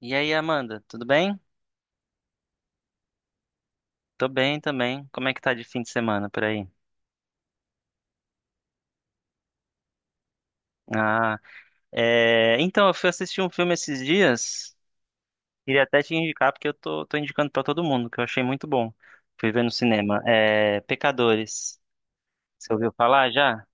E aí, Amanda, tudo bem? Tô bem também. Como é que tá de fim de semana por aí? Ah, Então, eu fui assistir um filme esses dias. Queria até te indicar, porque eu tô indicando pra todo mundo, que eu achei muito bom. Fui ver no cinema. Pecadores. Você ouviu falar já?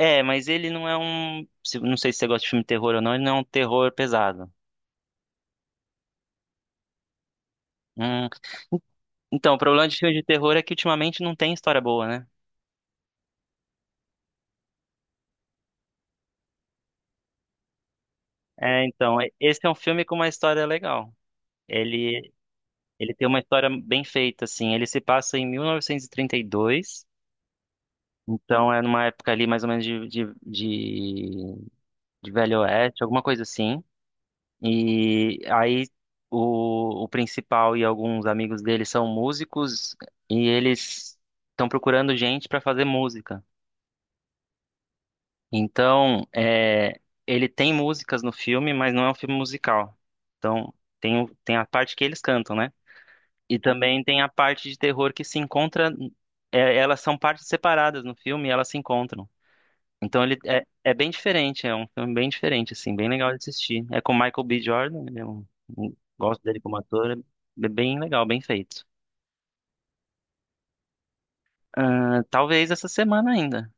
É, mas ele não é Não sei se você gosta de filme de terror ou não, ele não é um terror pesado. Hum. Então, o problema de filme de terror é que ultimamente não tem história boa, né? É, então, esse é um filme com uma história legal. Ele Ele tem uma história bem feita, assim. Ele se passa em 1932, então é numa época ali mais ou menos de Velho Oeste, alguma coisa assim. E aí o principal e alguns amigos dele são músicos e eles estão procurando gente para fazer música. Então, é, ele tem músicas no filme, mas não é um filme musical. Então, tem a parte que eles cantam, né? E também tem a parte de terror que se encontra. É, elas são partes separadas no filme e elas se encontram. Então é bem diferente, é um filme bem diferente, assim, bem legal de assistir. É com Michael B. Jordan, ele é gosto dele como ator, é bem legal, bem feito. Ah, talvez essa semana ainda.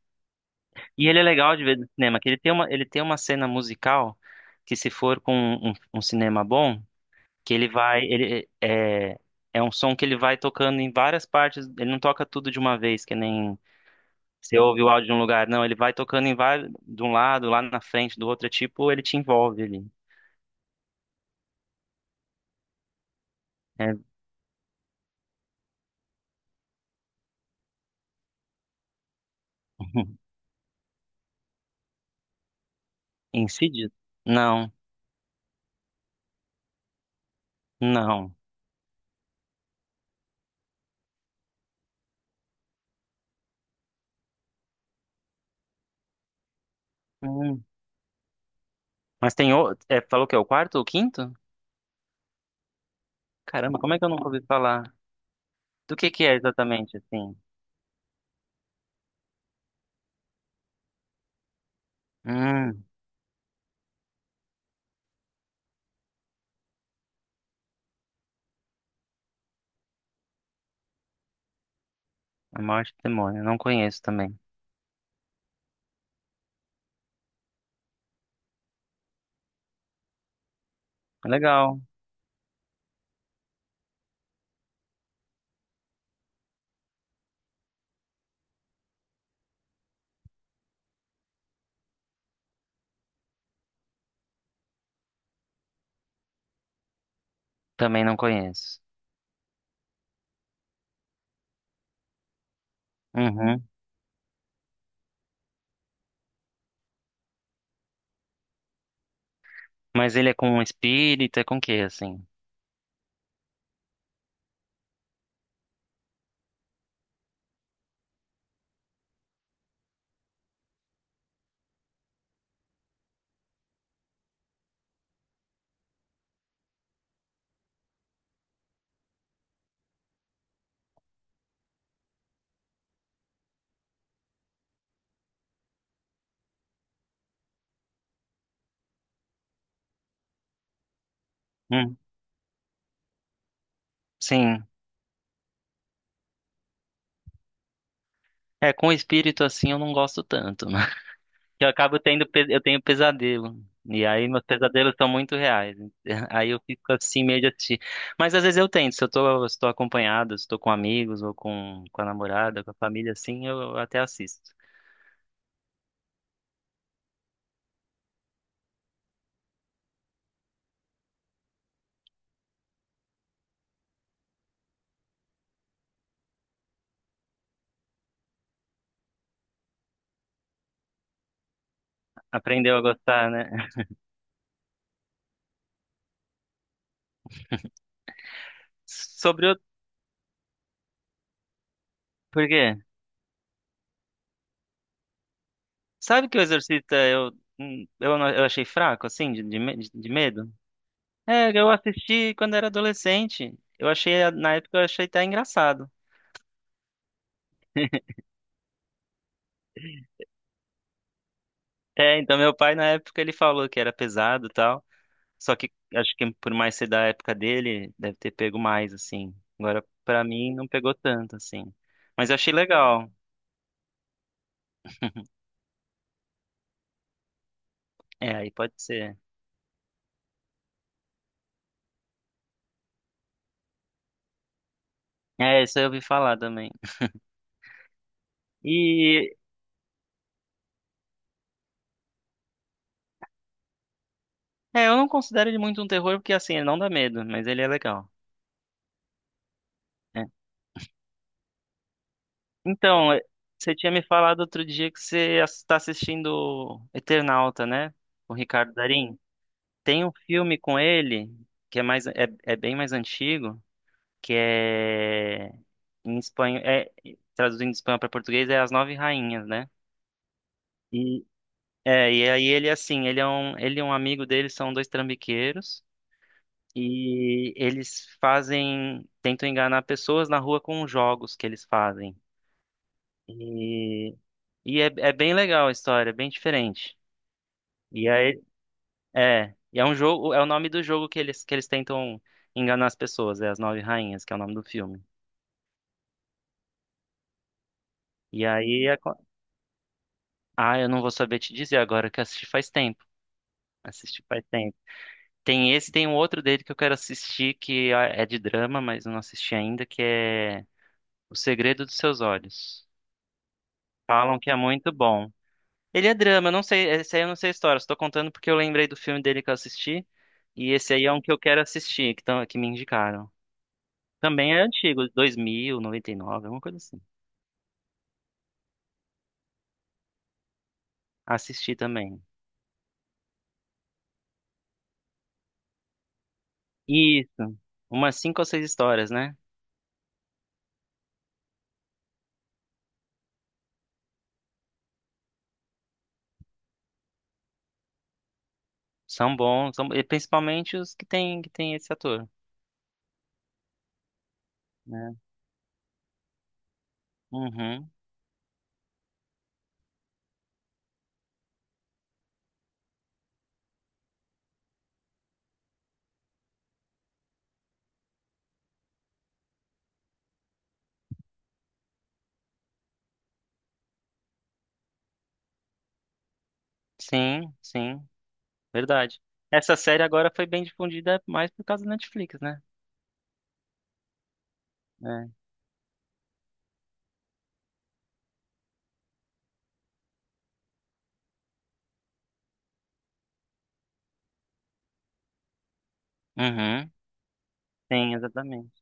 E ele é legal de ver no cinema, que ele tem uma cena musical que se for com um cinema bom, que ele vai, ele é, é um som que ele vai tocando em várias partes, ele não toca tudo de uma vez, que nem. Você ouve o áudio de um lugar, não, ele vai tocando em vários, de um lado, lá na frente, do outro, é tipo, ele te envolve ali. É, incidido. Não, não. Hum. Mas tem outro, é, falou que é o quarto ou o quinto? Caramba, como é que eu nunca ouvi falar? Do que é exatamente, assim? Hum, a morte do demônio, não conheço também. Legal, também não conheço. Uhum. Mas ele é com um espírito, é com o quê, assim? Hum, sim. É, com espírito assim eu não gosto tanto, que eu acabo eu tenho pesadelo. E aí meus pesadelos são muito reais. Aí eu fico assim meio de assistir. Mas às vezes eu tento, se eu tô, se tô acompanhado, se tô com amigos ou com a namorada, com a família, assim, eu até assisto. Aprendeu a gostar, né? Sobre o... Por quê? Sabe que o Exorcista eu, eu achei fraco, assim, de medo? É, eu assisti quando era adolescente. Eu achei, na época, eu achei até engraçado. É, então meu pai na época ele falou que era pesado e tal. Só que acho que por mais ser da época dele, deve ter pego mais, assim. Agora, pra mim, não pegou tanto, assim. Mas eu achei legal. É, aí pode ser. É, isso eu ouvi falar também. E, é, eu não considero ele muito um terror, porque, assim, ele não dá medo, mas ele é legal. É. Então, é, você tinha me falado outro dia que você está assistindo Eternauta, né? Com O Ricardo Darín. Tem um filme com ele, que é mais, é, é bem mais antigo, que é em espanhol, é, traduzindo de espanhol para português, é As Nove Rainhas, né? E, é, e aí ele, assim, ele é um, ele e um amigo dele são dois trambiqueiros e eles fazem, tentam enganar pessoas na rua com jogos que eles fazem. E, e é, é bem legal a história, é bem diferente. E aí, é, e é um jogo, é o nome do jogo que eles tentam enganar as pessoas, é As Nove Rainhas, que é o nome do filme. E aí, ah, eu não vou saber te dizer agora que eu assisti faz tempo. Assisti faz tempo. Tem esse, tem um outro dele que eu quero assistir que é é de drama, mas eu não assisti ainda, que é O Segredo dos Seus Olhos. Falam que é muito bom. Ele é drama, eu não sei, esse aí eu não sei a história, estou contando porque eu lembrei do filme dele que eu assisti, e esse aí é um que eu quero assistir, que, tão, que me indicaram. Também é antigo, dois mil noventa e nove, alguma coisa assim. Assisti também. Isso, umas cinco ou seis histórias, né? São bons, são... e principalmente os que tem esse ator, né? Uhum. Sim, sim, verdade. Essa série agora foi bem difundida mais por causa da Netflix, né? É. Uhum. Sim, exatamente.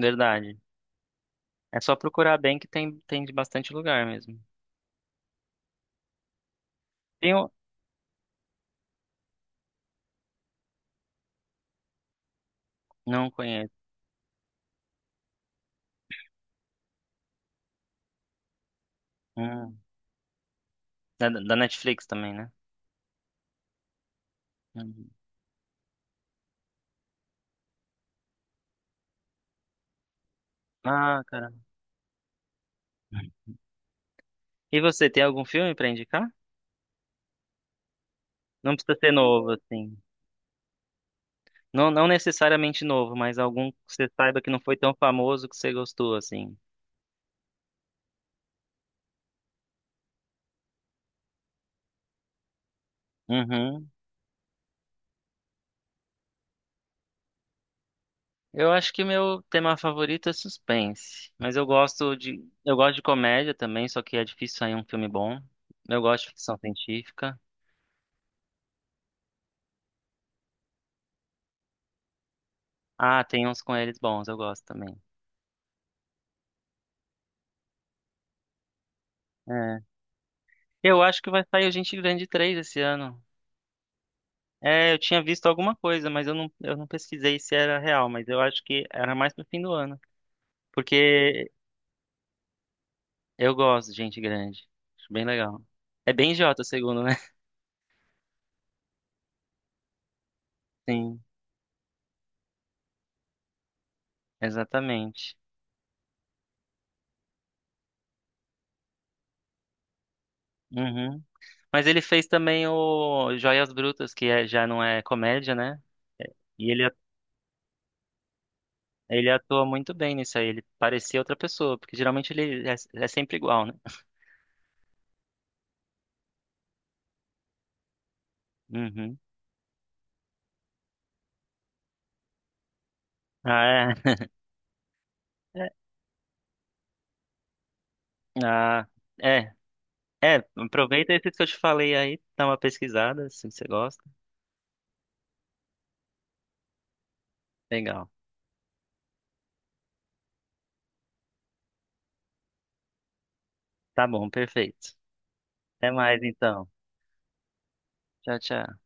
Verdade. É só procurar bem que tem, tem de bastante lugar mesmo. Tem um... Não conheço. Hum. Da, da Netflix também, né? Uhum. Ah, cara. E você, tem algum filme pra indicar? Não precisa ser novo, assim. Não, não necessariamente novo, mas algum que você saiba que não foi tão famoso que você gostou, assim. Uhum. Eu acho que meu tema favorito é suspense, mas eu gosto de comédia também, só que é difícil sair um filme bom. Eu gosto de ficção científica. Ah, tem uns com eles bons, eu gosto também. É. Eu acho que vai sair o Gente Grande 3 esse ano. É, eu tinha visto alguma coisa, mas eu não pesquisei se era real, mas eu acho que era mais pro fim do ano, porque eu gosto de Gente Grande. Acho bem legal. É bem idiota, segundo, né? Sim, exatamente. Uhum. Mas ele fez também o Joias Brutas, que já não é comédia, né? E ele, ele atua muito bem nisso aí. Ele parecia outra pessoa, porque geralmente é sempre igual, né? Uhum. Ah, é. É. Ah, é. É, aproveita esses que eu te falei aí, dá uma pesquisada, se você gosta. Legal. Tá bom, perfeito. Até mais então. Tchau, tchau.